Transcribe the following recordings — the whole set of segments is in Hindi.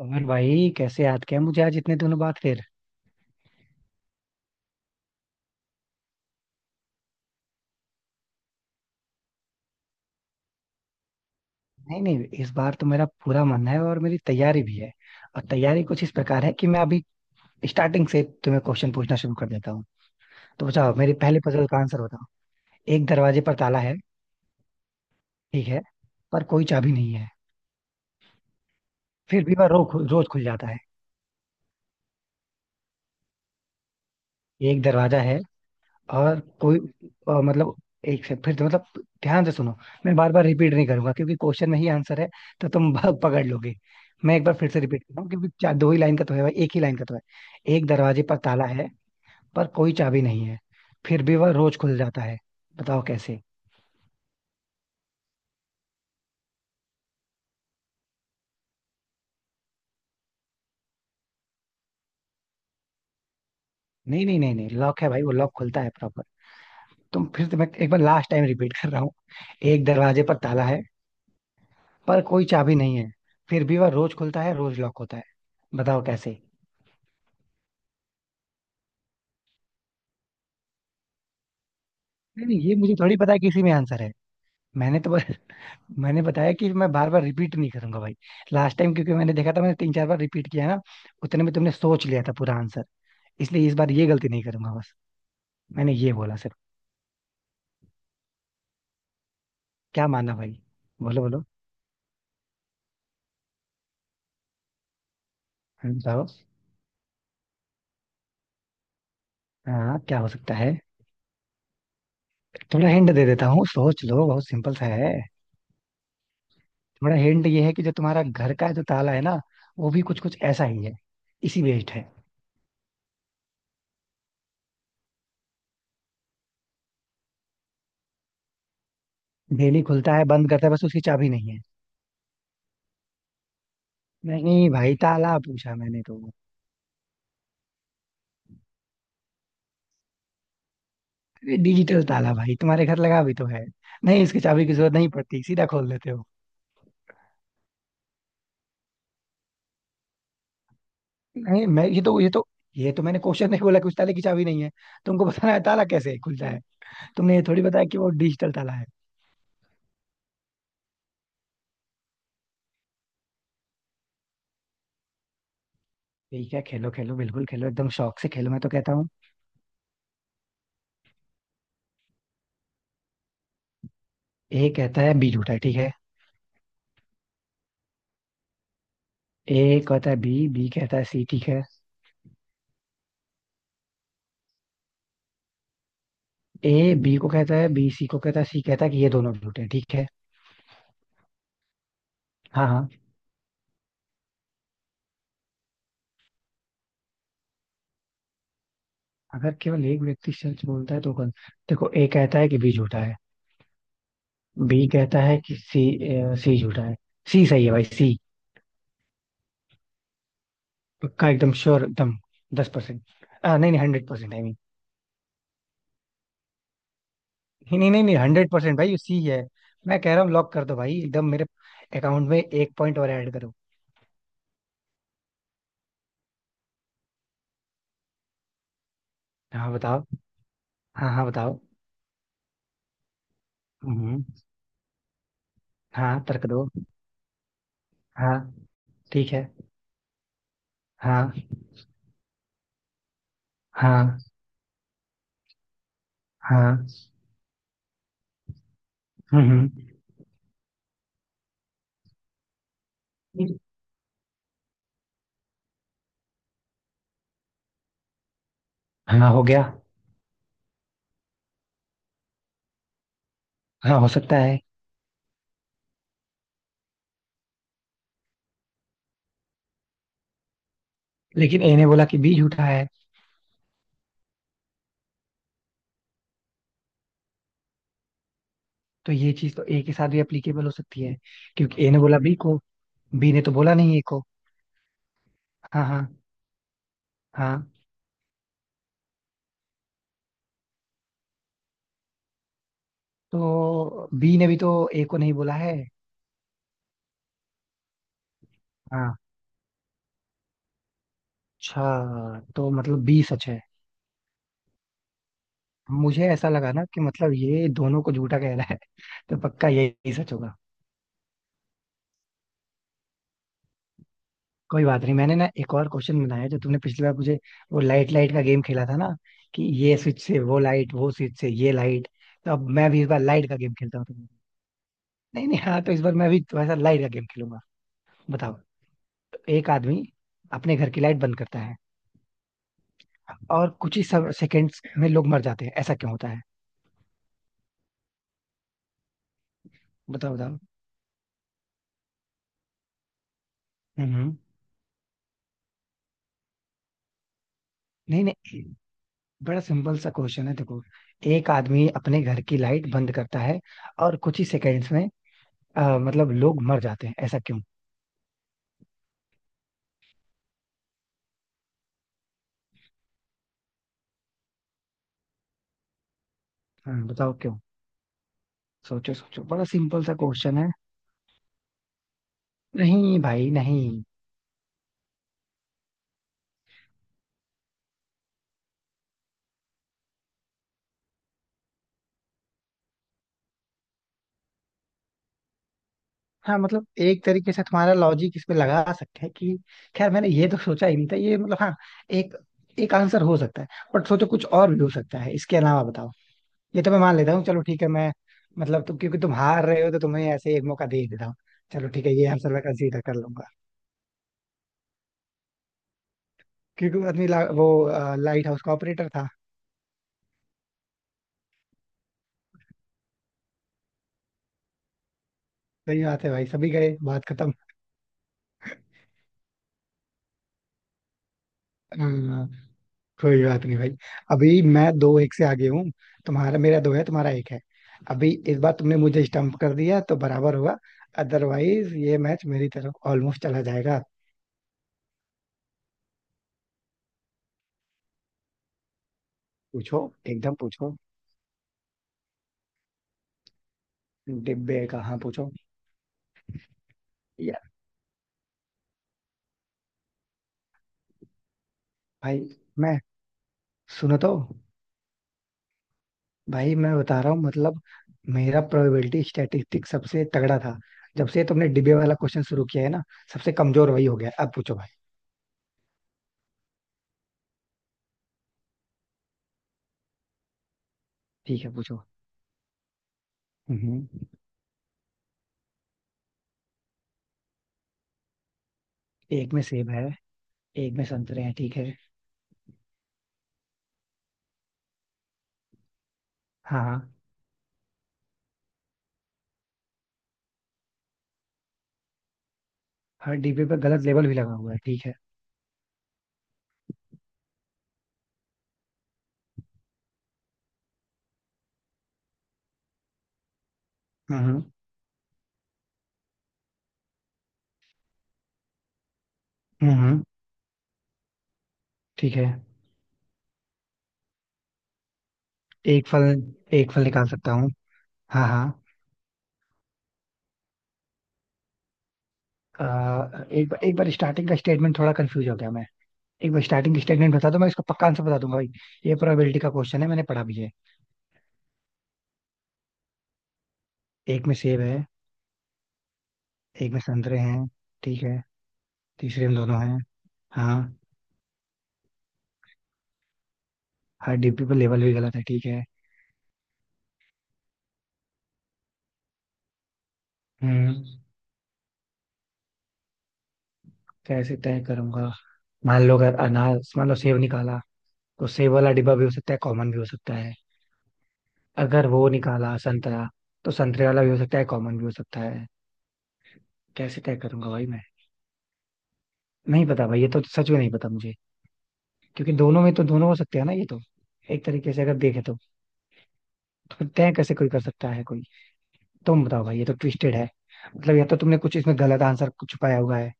और भाई, कैसे याद किया मुझे आज इतने दिनों बाद फिर? नहीं, नहीं, इस बार तो मेरा पूरा मन है और मेरी तैयारी भी है। और तैयारी कुछ इस प्रकार है कि मैं अभी स्टार्टिंग से तुम्हें क्वेश्चन पूछना शुरू कर देता हूँ। तो बताओ, मेरी पहले पजल का आंसर बताओ। एक दरवाजे पर ताला है। ठीक है। पर कोई चाबी नहीं है। फिर भी वह रोज खुल जाता है। एक दरवाजा है। और कोई मतलब। एक से फिर तो मतलब। ध्यान से सुनो। मैं बार बार रिपीट नहीं करूंगा क्योंकि क्वेश्चन में ही आंसर है। तो तुम भाग पकड़ लोगे। मैं एक बार फिर से रिपीट कर रहा हूँ, क्योंकि चार दो ही लाइन का तो है भाई, एक ही लाइन का तो है। एक दरवाजे पर ताला है। पर कोई चाबी नहीं है। फिर भी वह रोज खुल जाता है। बताओ कैसे? नहीं, नहीं, नहीं, नहीं, लॉक है भाई। वो लॉक खुलता है प्रॉपर। तुम फिर से, मैं एक बार लास्ट टाइम रिपीट कर रहा हूँ। एक दरवाजे पर ताला है। पर कोई चाबी नहीं है। फिर भी वह रोज खुलता है, रोज लॉक होता है। बताओ कैसे? नहीं, नहीं, ये मुझे थोड़ी पता है कि इसी में आंसर है। मैंने तो बस। मैंने बताया कि मैं बार बार रिपीट नहीं करूंगा भाई। लास्ट टाइम, क्योंकि मैंने देखा था मैंने तीन चार बार रिपीट किया ना। उतने में तुमने सोच लिया था पूरा आंसर। इसलिए इस बार ये गलती नहीं करूंगा बस। मैंने ये बोला सिर्फ। क्या माना भाई? बोलो, बोलो। बताओ। हाँ, क्या हो सकता है? थोड़ा हिंट दे देता हूँ, सोच लो, बहुत सिंपल सा है। थोड़ा हिंट ये है कि जो तुम्हारा घर का, जो ताला है ना। वो भी कुछ कुछ ऐसा ही है। इसी बेस्ड है। डेली खुलता है, बंद करता है, बस उसकी चाबी नहीं है। नहीं भाई, ताला पूछा मैंने तो। ये डिजिटल ताला भाई तुम्हारे घर लगा भी तो है। नहीं, इसकी चाबी की जरूरत नहीं पड़ती, सीधा खोल लेते हो। नहीं, मैं ये तो। ये तो मैंने क्वेश्चन नहीं बोला कि उस ताले की चाबी नहीं है। तुमको बताना है ताला कैसे खुलता है। तुमने ये थोड़ी बताया कि वो डिजिटल ताला है। ठीक है, खेलो खेलो, बिल्कुल खेलो, एकदम शौक से खेलो, मैं तो कहता हूँ। ए कहता है बी झूठा है। ठीक है। ए कहता है बी, बी कहता है सी। ठीक है। ए बी को कहता है, बी सी को कहता है, सी कहता है कि ये दोनों झूठे हैं। ठीक है। हाँ, हाँ। अगर केवल एक व्यक्ति सच बोलता है तो कौन? देखो, ए कहता है कि बी झूठा है। बी कहता है कि सी। सी झूठा है। सी सही है भाई, सी। पक्का, एकदम श्योर, एकदम। 10%। नहीं, नहीं, 100%, आई मीन। नहीं, नहीं, नहीं, नहीं, 100% भाई, सी है। मैं कह रहा हूँ लॉक कर दो भाई, एकदम मेरे। अकाउंट में एक पॉइंट और ऐड करो। हाँ, बताओ। हाँ, हाँ, बताओ। हम्म। हाँ, तर्क दो। हाँ। ठीक है। हाँ। हाँ। हाँ। हम्म। हम्म। हाँ, हो गया। हाँ, हो सकता है। लेकिन ए ने बोला कि बी झूठा है। तो ये चीज तो ए के साथ भी एप्लीकेबल हो सकती है। क्योंकि ए ने बोला बी को। बी ने तो बोला नहीं ए को। हाँ, हाँ। हाँ, तो बी ने भी तो ए को नहीं बोला है। हाँ। अच्छा, तो मतलब बी सच है। मुझे ऐसा लगा ना कि मतलब ये दोनों को झूठा कह रहा है तो पक्का यही सच होगा। कोई बात नहीं, मैंने ना एक और क्वेश्चन बनाया जो तुमने पिछली बार मुझे। वो लाइट लाइट का गेम खेला था ना। कि ये स्विच से वो लाइट, वो स्विच से ये लाइट। तो अब मैं भी इस बार लाइट का गेम खेलता हूँ तुमसे। नहीं, नहीं, हाँ, तो इस बार मैं भी थोड़ा सा लाइट का गेम खेलूंगा। बताओ। तो एक आदमी अपने घर की लाइट बंद करता है, और कुछ ही सेकंड्स में लोग मर जाते हैं। ऐसा क्यों होता है? बताओ, बताओ। हम्म। नहीं, नहीं, बड़ा सिंपल सा क्वेश्चन है, देखो। एक आदमी अपने घर की लाइट बंद करता है। और कुछ ही सेकंड्स में मतलब लोग मर जाते हैं। ऐसा क्यों? हाँ, बताओ क्यों? सोचो, सोचो, बड़ा सिंपल सा क्वेश्चन है। नहीं भाई, नहीं। हाँ, मतलब एक तरीके से तुम्हारा लॉजिक इस पे लगा सकते हैं कि। खैर मैंने ये तो सोचा ही नहीं था ये, मतलब, हाँ। एक एक आंसर हो सकता है। बट सोचो कुछ और भी हो सकता है इसके अलावा, बताओ। ये तो मैं मान लेता हूँ, चलो ठीक है, मैं। मतलब तुम क्योंकि तुम हार रहे हो, तो तुम्हें ऐसे ही एक मौका दे ही देता हूँ। चलो ठीक है, ये आंसर मैं कंसीडर कर लूंगा। क्योंकि वो आदमी वो लाइट हाउस का ऑपरेटर था। सही बात है भाई, सभी गए, बात खत्म। हाँ। कोई बात नहीं भाई। अभी मैं दो एक से आगे हूँ। तुम्हारा मेरा दो है, तुम्हारा एक है। अभी इस बार तुमने मुझे स्टम्प कर दिया तो बराबर हुआ। अदरवाइज ये मैच मेरी तरफ ऑलमोस्ट चला जाएगा। पूछो। एकदम पूछो। डिब्बे का, हाँ, पूछो। यार। भाई, मैं। सुनो तो। भाई मैं बता रहा हूँ, मतलब। मेरा प्रोबेबिलिटी स्टैटिस्टिक्स सबसे तगड़ा था। जब से तुमने डिबे वाला क्वेश्चन शुरू किया है ना। सबसे कमजोर वही हो गया है। अब पूछो भाई। ठीक है, पूछो। हम्म। एक में सेब है। एक में संतरे हैं। ठीक है। हाँ, हाँ। हर डिब्बे पे गलत लेबल भी लगा हुआ है। ठीक है। हम्म, हम्म। ठीक है। एक फल। एक फल निकाल सकता हूँ। हाँ, हाँ। एक बार स्टार्टिंग का स्टेटमेंट थोड़ा कंफ्यूज हो गया मैं। एक बार स्टार्टिंग स्टेटमेंट बता दो, मैं इसका पक्का आंसर बता दूंगा भाई। ये प्रोबेबिलिटी का क्वेश्चन है, मैंने पढ़ा भी है। एक में सेब है। एक में संतरे हैं। ठीक है। तीसरे में दोनों हैं। हाँ। हर डिब्बे पर लेबल भी गलत है। ठीक है। हम्म। कैसे तय करूंगा? मान लो, अगर अनार, मान लो सेब निकाला। तो सेब वाला डिब्बा भी हो सकता है, कॉमन भी हो सकता है। अगर वो निकाला संतरा। तो संतरे वाला भी हो सकता है, कॉमन भी हो सकता है। कैसे तय करूंगा भाई मैं? नहीं पता भाई, ये तो सच में नहीं पता मुझे। क्योंकि दोनों में तो दोनों हो सकते हैं ना, ये तो। एक तरीके से अगर देखे तो। तो तय कैसे कोई कर सकता है, कोई? तुम बताओ भाई, ये तो ट्विस्टेड है। मतलब या तो तुमने कुछ इसमें गलत आंसर छुपाया हुआ है।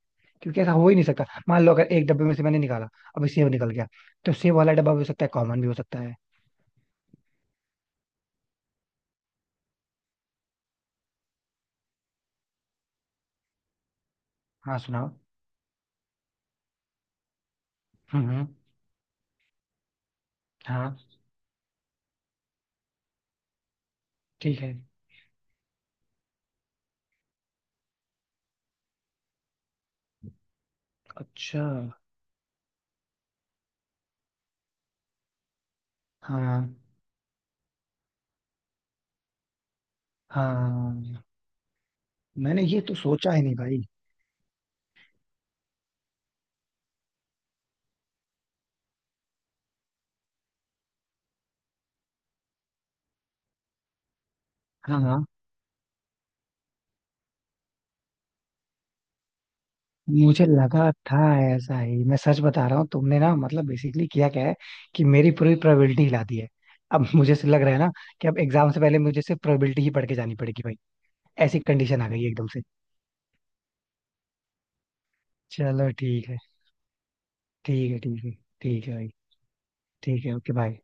क्योंकि ऐसा हो ही नहीं सकता, मान लो अगर एक डब्बे में से मैंने निकाला। अब सेब निकल गया। तो सेब वाला डब्बा भी हो सकता है, कॉमन भी हो सकता है। हाँ, सुनाओ। हम्म, हम्म। हाँ। ठीक है। अच्छा। हाँ, हाँ। मैंने ये तो सोचा ही नहीं भाई। हाँ, हाँ। मुझे लगा था। ऐसा ही मैं, सच बता रहा हूँ तुमने ना, मतलब बेसिकली किया क्या है। कि मेरी पूरी प्रोबेबिलिटी हिला दी है। अब मुझे से लग रहा है ना। कि अब एग्जाम से पहले मुझे सिर्फ प्रोबेबिलिटी ही पढ़ के जानी पड़ेगी भाई। ऐसी कंडीशन आ गई है एकदम से। चलो, ठीक है। ठीक है, ठीक है। ठीक है भाई। ठीक है, ओके, बाय।